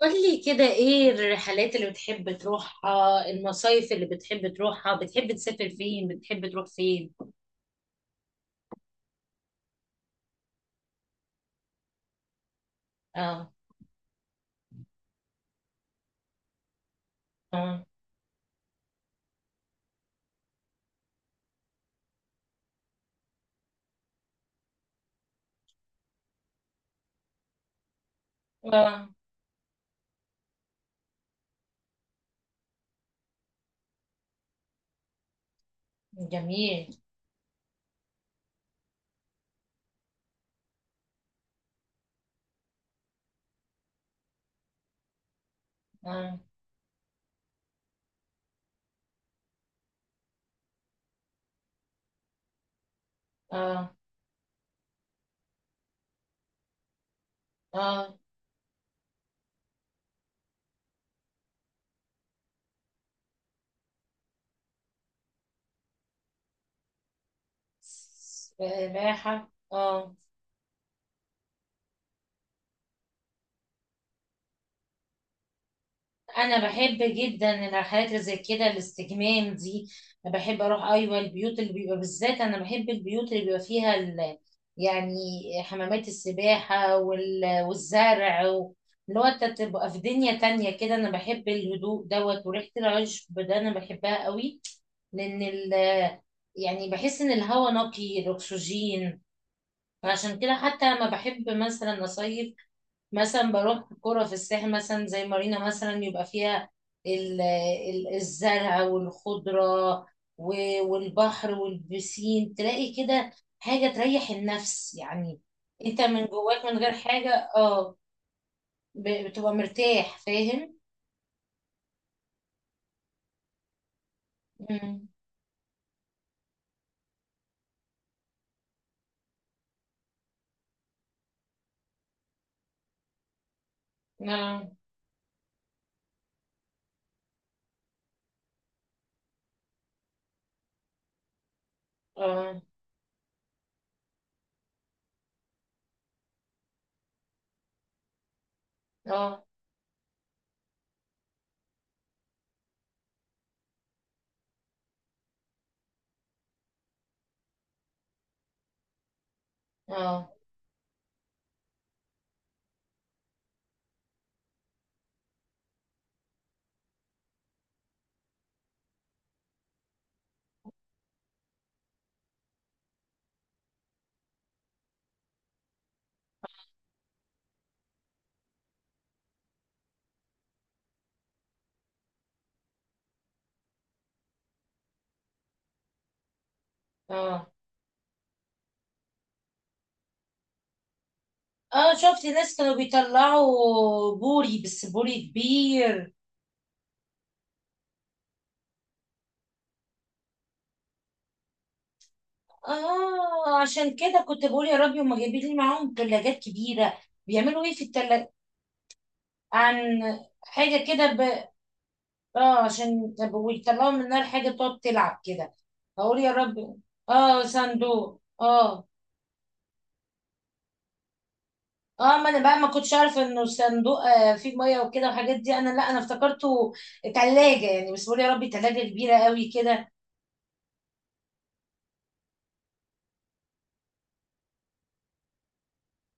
قولي كده، ايه الرحلات اللي بتحب تروحها؟ المصايف اللي بتحب تروحها؟ بتحب تسافر فين؟ بتحب تروح فين؟ اه. اه. اه. جميل. اه. اه. اه. سباحة. اه. انا بحب جدا الرحلات اللي زي كده، الاستجمام دي. انا بحب اروح، ايوه، البيوت اللي بيبقى، بالذات انا بحب البيوت اللي بيبقى فيها يعني حمامات السباحه والزرع اللي هو انت تبقى في دنيا تانية كده، انا بحب الهدوء دوت وريحه العشب ده انا بحبها قوي. لان ال... يعني بحس ان الهواء نقي، الاكسجين. فعشان كده، حتى لما بحب مثلا اصيف، مثلا بروح كرة في الساحل مثلا زي مارينا، مثلا يبقى فيها الزرع والخضرة، والبحر والبسين، تلاقي كده حاجة تريح النفس يعني. انت من جواك من غير حاجة، اه، بتبقى مرتاح، فاهم؟ مم. اه. اه. اه. اه. اه. اه. شفت ناس كانوا بيطلعوا بوري، بس بوري كبير. اه، عشان كده كنت بقول يا ربي، هما جايبين لي معاهم ثلاجات كبيره. بيعملوا ايه في الثلاجه؟ عن حاجه كده اه، عشان طب ويطلعوا من النار حاجه تقعد تلعب كده. اقول يا ربي. اه، صندوق، اه. اه، ما انا بقى ما كنتش اعرف انه صندوق فيه ميه وكده والحاجات دي، انا لا انا افتكرته ثلاجه يعني، بس بقول يا ربي ثلاجه كبيره قوي كده.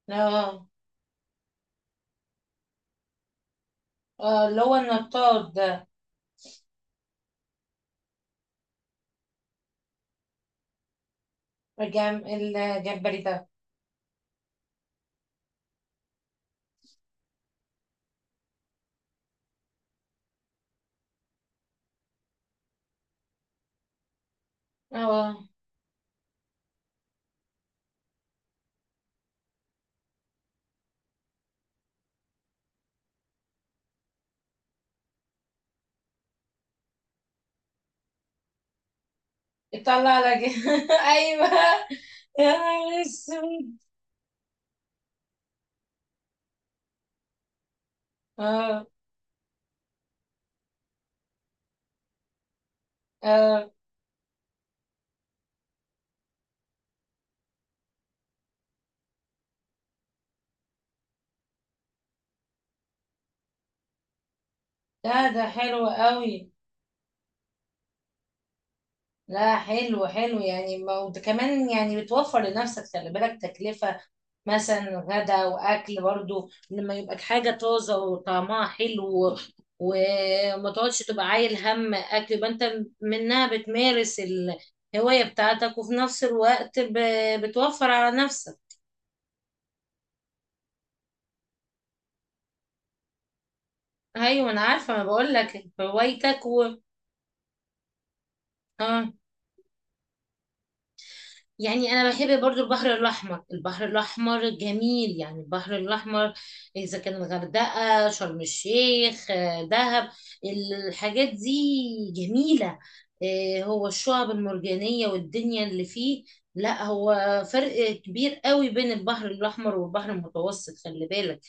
اه. اه. اللي هو النطاط ده. الجمبري ده. اه، يطلع لك ايوه. يا نهار اسود! اه. اه. لا، ده حلو قوي. لا، حلو حلو يعني، وده كمان يعني بتوفر لنفسك، خلي بالك تكلفة مثلا غدا واكل، برضو لما يبقى حاجة طازة وطعمها حلو. وما تقعدش تبقى عايل هم اكل، يبقى انت منها بتمارس الهواية بتاعتك، وفي نفس الوقت بتوفر على نفسك. ايوه، انا عارفه، ما بقول لك هوايتك. اه، يعني انا بحب برضو البحر الاحمر. البحر الاحمر جميل يعني. البحر الاحمر، اذا كان الغردقه، شرم الشيخ، دهب، الحاجات دي جميله. هو الشعب المرجانيه والدنيا اللي فيه. لا هو فرق كبير قوي بين البحر الاحمر والبحر المتوسط، خلي بالك،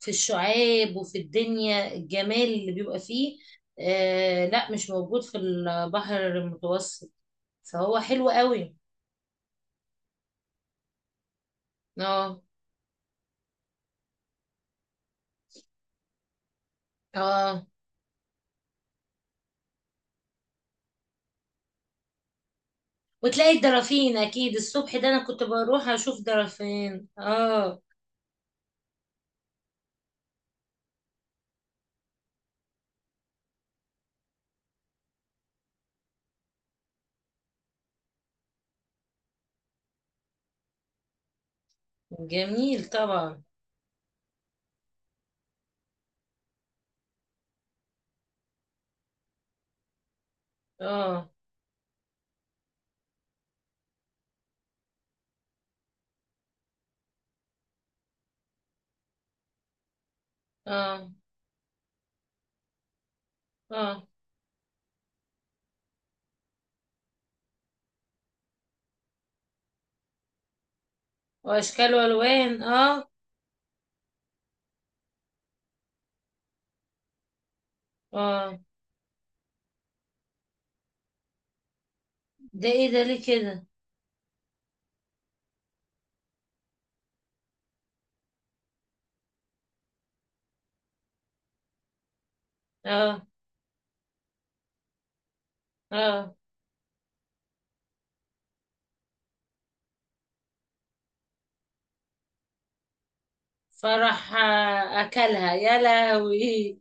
في الشعاب وفي الدنيا الجمال اللي بيبقى فيه. لا مش موجود في البحر المتوسط. فهو حلو قوي. اه. اه. وتلاقي الدرافين اكيد الصبح، ده انا كنت بروح اشوف درافين، اه. جميل طبعا. اه. اه. اه. واشكال والوان. اه. اه. ده ايه ده؟ ليه كده؟ اه. اه. فرح، اكلها، يا لهوي!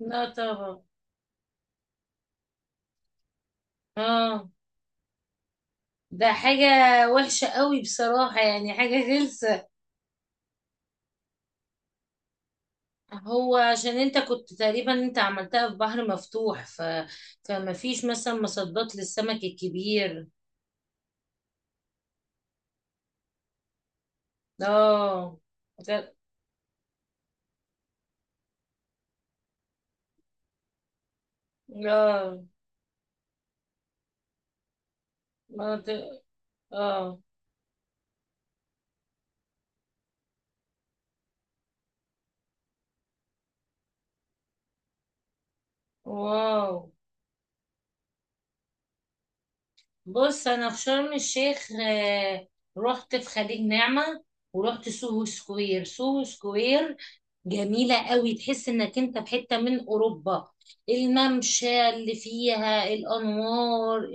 لا طبعا. اه. ده حاجة وحشة قوي بصراحة، يعني حاجة غلسة. هو عشان انت كنت تقريبا انت عملتها في بحر مفتوح، فما فيش مثلا مصدات للسمك الكبير. اه. لا. اه. ما ت- اه. واو. بص، انا في شرم الشيخ، رحت في خليج نعمة. ورحت سوهو سكوير، سوهو سكوير. جميلة قوي، تحس انك انت في حتة من اوروبا. الممشى اللي فيها الانوار،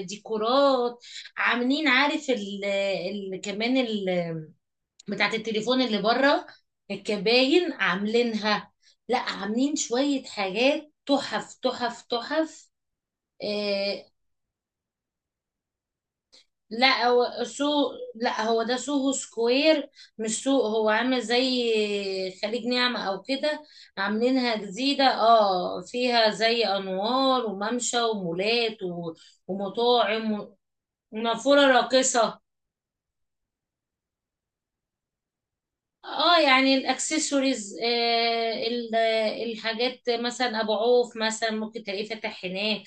الديكورات، عاملين، عارف، ال كمان ال بتاعت التليفون اللي بره، الكباين عاملينها. لا، عاملين شوية حاجات تحف تحف تحف. آه، لا، هو سوق، لا، هو ده سوهو سكوير. مش سوق، هو عامل زي خليج نعمة او كده. عاملينها جديدة، اه، فيها زي انوار وممشى ومولات ومطاعم ونافورة راقصة. اه، يعني الاكسسوارز، الحاجات مثلا ابو عوف مثلا، ممكن تلاقيه فاتح هناك.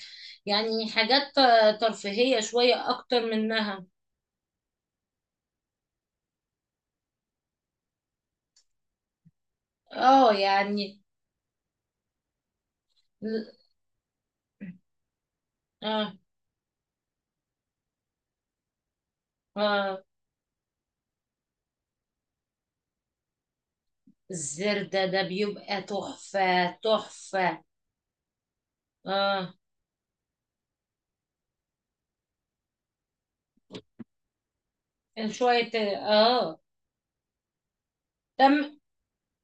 يعني حاجات ترفيهية شوية اكتر منها. اه يعني. اه. اه. الزردة ده بيبقى تحفة تحفة. اه، كان شوية، اه. تم.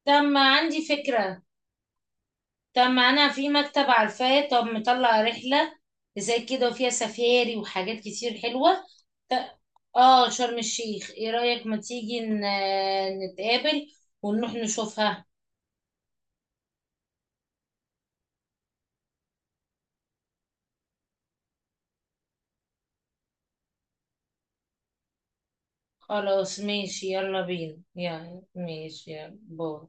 تم، عندي فكرة. تم، أنا في مكتب عارفاه، طب مطلع رحلة زي كده وفيها سفاري وحاجات كتير حلوة. ت- اه، شرم الشيخ، ايه رأيك، ما تيجي نتقابل ونروح نشوفها. خلاص، ماشي، يلا بينا يعني، ماشي، يلا باي.